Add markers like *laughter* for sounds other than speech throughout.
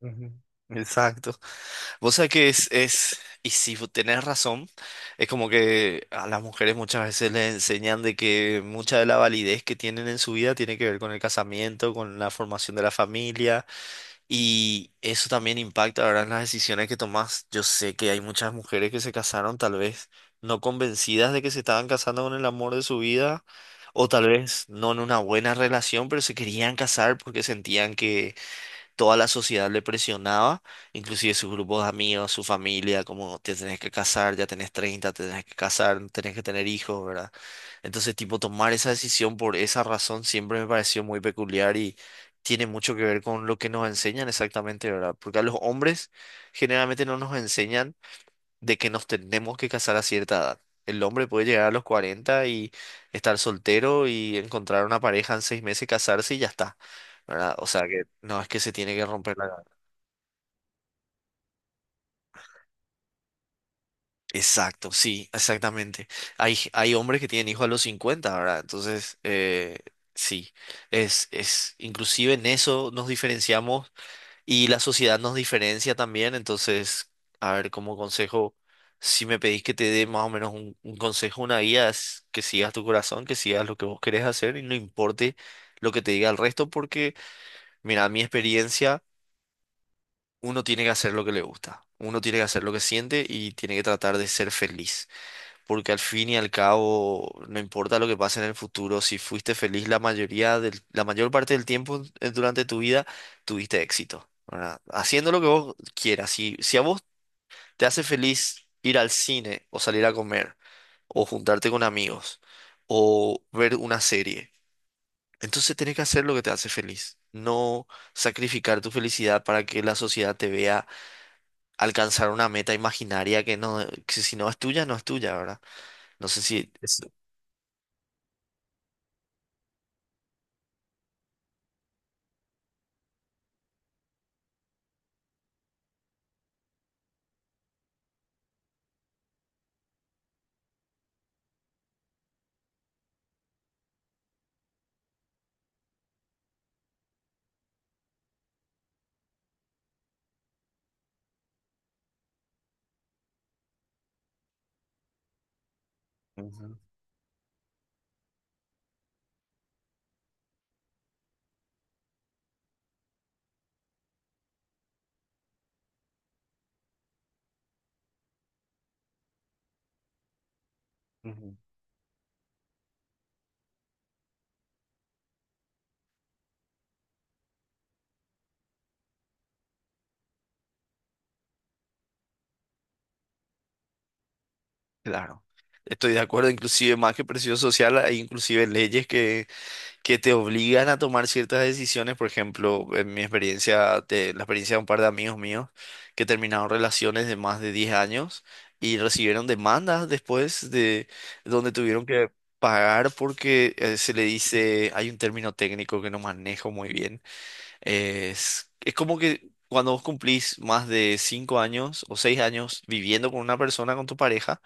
Ujú. Exacto. Vos sabés que y si vos tenés razón, es como que a las mujeres muchas veces les enseñan de que mucha de la validez que tienen en su vida tiene que ver con el casamiento, con la formación de la familia, y eso también impacta, ¿verdad?, en las decisiones que tomás. Yo sé que hay muchas mujeres que se casaron tal vez no convencidas de que se estaban casando con el amor de su vida, o tal vez no en una buena relación, pero se querían casar porque sentían que toda la sociedad le presionaba, inclusive sus grupos de amigos, su familia, como te tenés que casar, ya tenés 30, te tenés que casar, tenés que tener hijos, ¿verdad? Entonces, tipo, tomar esa decisión por esa razón siempre me pareció muy peculiar y tiene mucho que ver con lo que nos enseñan exactamente, ¿verdad? Porque a los hombres generalmente no nos enseñan de que nos tenemos que casar a cierta edad. El hombre puede llegar a los 40 y estar soltero y encontrar una pareja en 6 meses, casarse y ya está. ¿Verdad? O sea que no es que se tiene que romper la... Exacto, sí, exactamente. Hay hombres que tienen hijos a los 50, ¿verdad? Entonces, sí, inclusive en eso nos diferenciamos. Y la sociedad nos diferencia también, entonces, a ver, como consejo, si me pedís que te dé más o menos un consejo, una guía, es que sigas tu corazón, que sigas lo que vos querés hacer y no importe lo que te diga el resto, porque, mira, a mi experiencia, uno tiene que hacer lo que le gusta, uno tiene que hacer lo que siente y tiene que tratar de ser feliz, porque al fin y al cabo, no importa lo que pase en el futuro, si fuiste feliz la mayoría del, la mayor parte del tiempo durante tu vida, tuviste éxito, ¿verdad? Haciendo lo que vos quieras. Si a vos te hace feliz ir al cine o salir a comer o juntarte con amigos o ver una serie, entonces tenés que hacer lo que te hace feliz. No sacrificar tu felicidad para que la sociedad te vea alcanzar una meta imaginaria que si no es tuya, no es tuya, ¿verdad? No sé si. Ujú, ujú. Claro, estoy de acuerdo, inclusive más que presión social, hay inclusive leyes que te obligan a tomar ciertas decisiones, por ejemplo, en mi experiencia, la experiencia de un par de amigos míos que terminaron relaciones de más de 10 años y recibieron demandas después, de donde tuvieron que pagar porque se le dice, hay un término técnico que no manejo muy bien. Es como que cuando vos cumplís más de 5 años o 6 años viviendo con una persona, con tu pareja,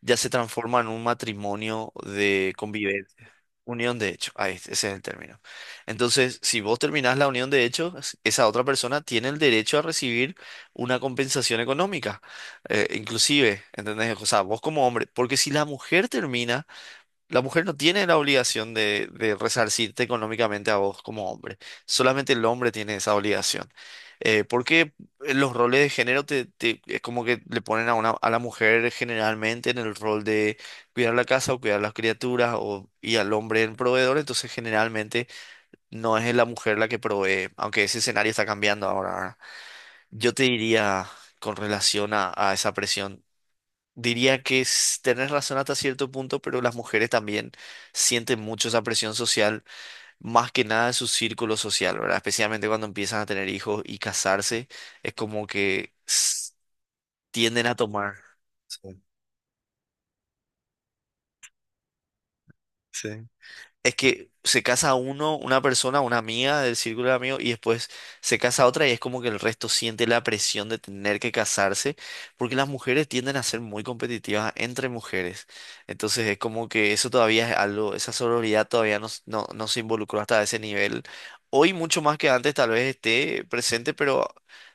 ya se transforma en un matrimonio de convivencia. Unión de hecho, ahí, ese es el término. Entonces, si vos terminás la unión de hecho, esa otra persona tiene el derecho a recibir una compensación económica, inclusive, ¿entendés? O sea, vos como hombre, porque si la mujer termina, la mujer no tiene la obligación de, resarcirte económicamente a vos como hombre. Solamente el hombre tiene esa obligación. Porque los roles de género es como que le ponen a la mujer generalmente en el rol de cuidar la casa o cuidar las criaturas o, y al hombre en proveedor. Entonces generalmente no es la mujer la que provee, aunque ese escenario está cambiando ahora, ¿verdad? Yo te diría con relación a, esa presión. Diría tenés razón hasta cierto punto, pero las mujeres también sienten mucho esa presión social, más que nada de su círculo social, ¿verdad? Especialmente cuando empiezan a tener hijos y casarse, es como que tienden a tomar. Sí. Sí. Es que se casa uno, una persona, una amiga del círculo de amigos, y después se casa otra, y es como que el resto siente la presión de tener que casarse, porque las mujeres tienden a ser muy competitivas entre mujeres. Entonces es como que eso todavía es algo, esa sororidad todavía no, no, no se involucró hasta ese nivel. Hoy mucho más que antes tal vez esté presente, pero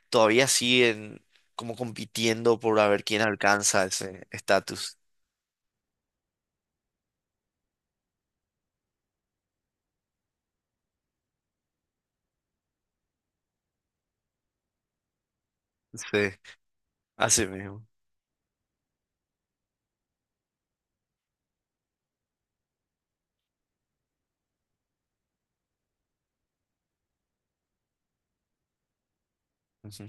todavía siguen como compitiendo por a ver quién alcanza ese estatus. Sí, así mismo. Ujú.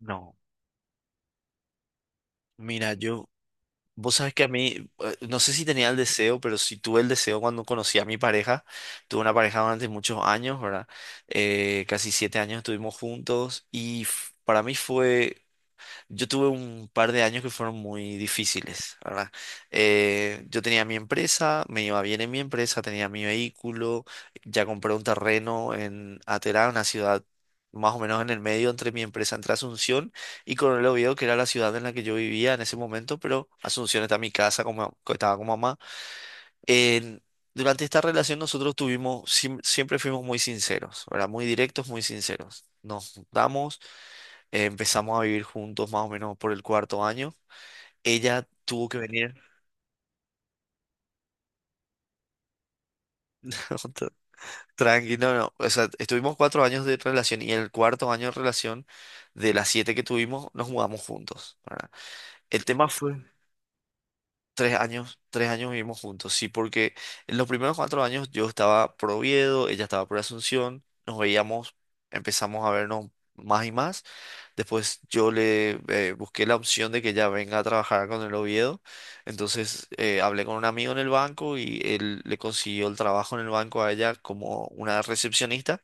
No, mira, yo... Vos sabés que a mí, no sé si tenía el deseo, pero sí tuve el deseo cuando conocí a mi pareja. Tuve una pareja durante muchos años, ¿verdad? Casi 7 años estuvimos juntos para mí fue, yo tuve un par de años que fueron muy difíciles, ¿verdad? Yo tenía mi empresa, me iba bien en mi empresa, tenía mi vehículo, ya compré un terreno en Aterá, una ciudad más o menos en el medio entre mi empresa, entre Asunción y Coronel Oviedo, que era la ciudad en la que yo vivía en ese momento, pero Asunción está mi casa, como, estaba con mamá. En- durante esta relación nosotros tuvimos, siempre fuimos muy sinceros, ¿verdad? Muy directos, muy sinceros. Nos juntamos. Empezamos a vivir juntos más o menos por el cuarto año. Ella tuvo que venir. *laughs* Tranquilo, no, no. O sea, estuvimos 4 años de relación y en el cuarto año de relación, de las siete que tuvimos, nos mudamos juntos, ¿verdad? El tema fue tres años vivimos juntos, sí, porque en los primeros 4 años yo estaba por Oviedo, ella estaba por Asunción, nos veíamos, empezamos a vernos más y más. Después yo le busqué la opción de que ya venga a trabajar con el Oviedo. Entonces hablé con un amigo en el banco y él le consiguió el trabajo en el banco a ella como una recepcionista.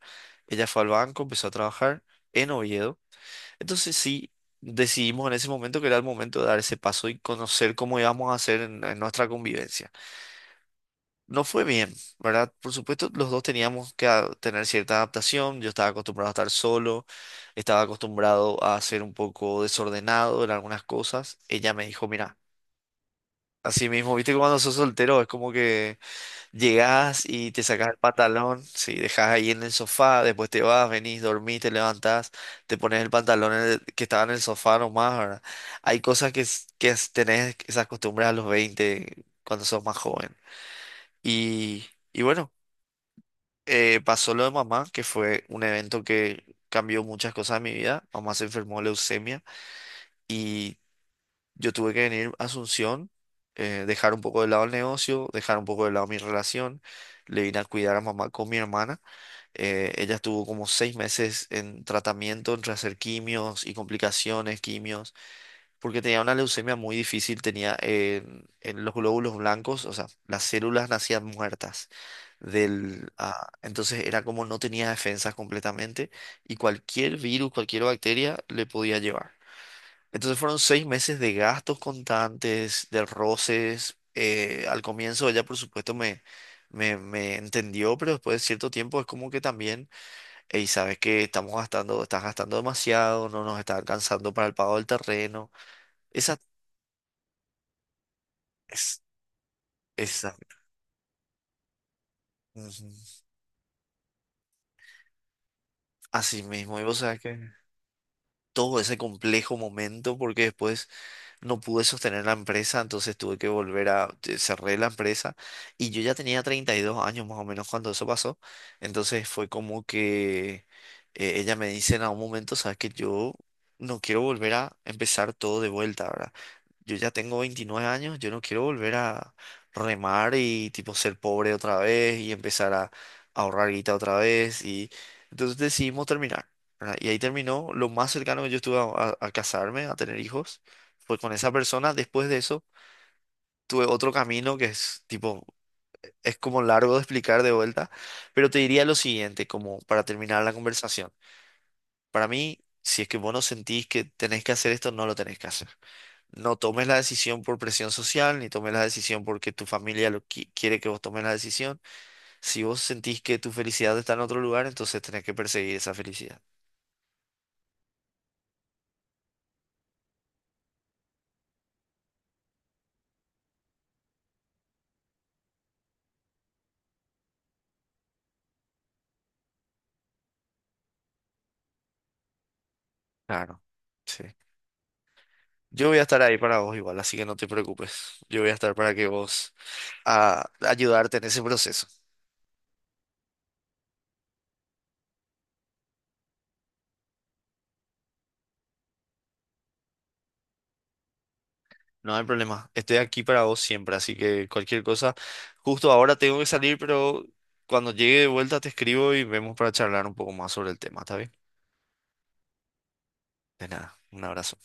Ella fue al banco, empezó a trabajar en Oviedo. Entonces sí, decidimos en ese momento que era el momento de dar ese paso y conocer cómo íbamos a hacer en nuestra convivencia. No fue bien, ¿verdad? Por supuesto, los dos teníamos que tener cierta adaptación. Yo estaba acostumbrado a estar solo, estaba acostumbrado a ser un poco desordenado en algunas cosas. Ella me dijo, mira, así mismo, viste que cuando sos soltero es como que llegás y te sacás el pantalón, sí, dejás ahí en el sofá, después te vas, venís, dormís, te levantás, te pones el pantalón en el- que estaba en el sofá nomás, ¿verdad? Hay cosas que, tenés esas costumbres a los 20 cuando sos más joven. Y, y bueno. Pasó lo de mamá, que fue un evento que cambió muchas cosas en mi vida. Mamá se enfermó de leucemia y yo tuve que venir a Asunción, dejar un poco de lado el negocio, dejar un poco de lado mi relación. Le vine a cuidar a mamá con mi hermana. Ella estuvo como 6 meses en tratamiento entre hacer quimios y complicaciones, quimios porque tenía una leucemia muy difícil, tenía en los glóbulos blancos, o sea, las células nacían muertas. Del, ah, entonces era como no tenía defensas completamente y cualquier virus, cualquier bacteria le podía llevar. Entonces fueron 6 meses de gastos constantes, de roces. Al comienzo ella, por supuesto, me entendió, pero después de cierto tiempo es como que también, y sabes que estamos gastando, estás gastando demasiado, no nos está alcanzando para el pago del terreno. Es, esa- ujú, así mismo, y vos sabés que todo ese complejo momento, porque después no pude sostener la empresa, entonces tuve que volver cerré la empresa y yo ya tenía 32 años más o menos cuando eso pasó, entonces fue como que ella me dice en algún momento, sabes que yo no quiero volver a empezar todo de vuelta, ¿verdad? Yo ya tengo 29 años, yo no quiero volver a remar y tipo ser pobre otra vez y empezar a ahorrar guita otra vez y entonces decidimos terminar. ¿Verdad? Y ahí terminó lo más cercano que yo estuve a casarme, a tener hijos. Pues con esa persona, después de eso, tuve otro camino que es tipo, es como largo de explicar de vuelta, pero te diría lo siguiente, como para terminar la conversación. Para mí, si es que vos no sentís que tenés que hacer esto, no lo tenés que hacer. No tomes la decisión por presión social, ni tomes la decisión porque tu familia lo quiere que vos tomes la decisión. Si vos sentís que tu felicidad está en otro lugar, entonces tenés que perseguir esa felicidad. Claro, sí. Yo voy a estar ahí para vos igual, así que no te preocupes. Yo voy a estar para que vos... a ayudarte en ese proceso. No hay problema. Estoy aquí para vos siempre, así que cualquier cosa. Justo ahora tengo que salir, pero cuando llegue de vuelta te escribo y vemos para charlar un poco más sobre el tema, ¿está bien? De nada, un abrazo.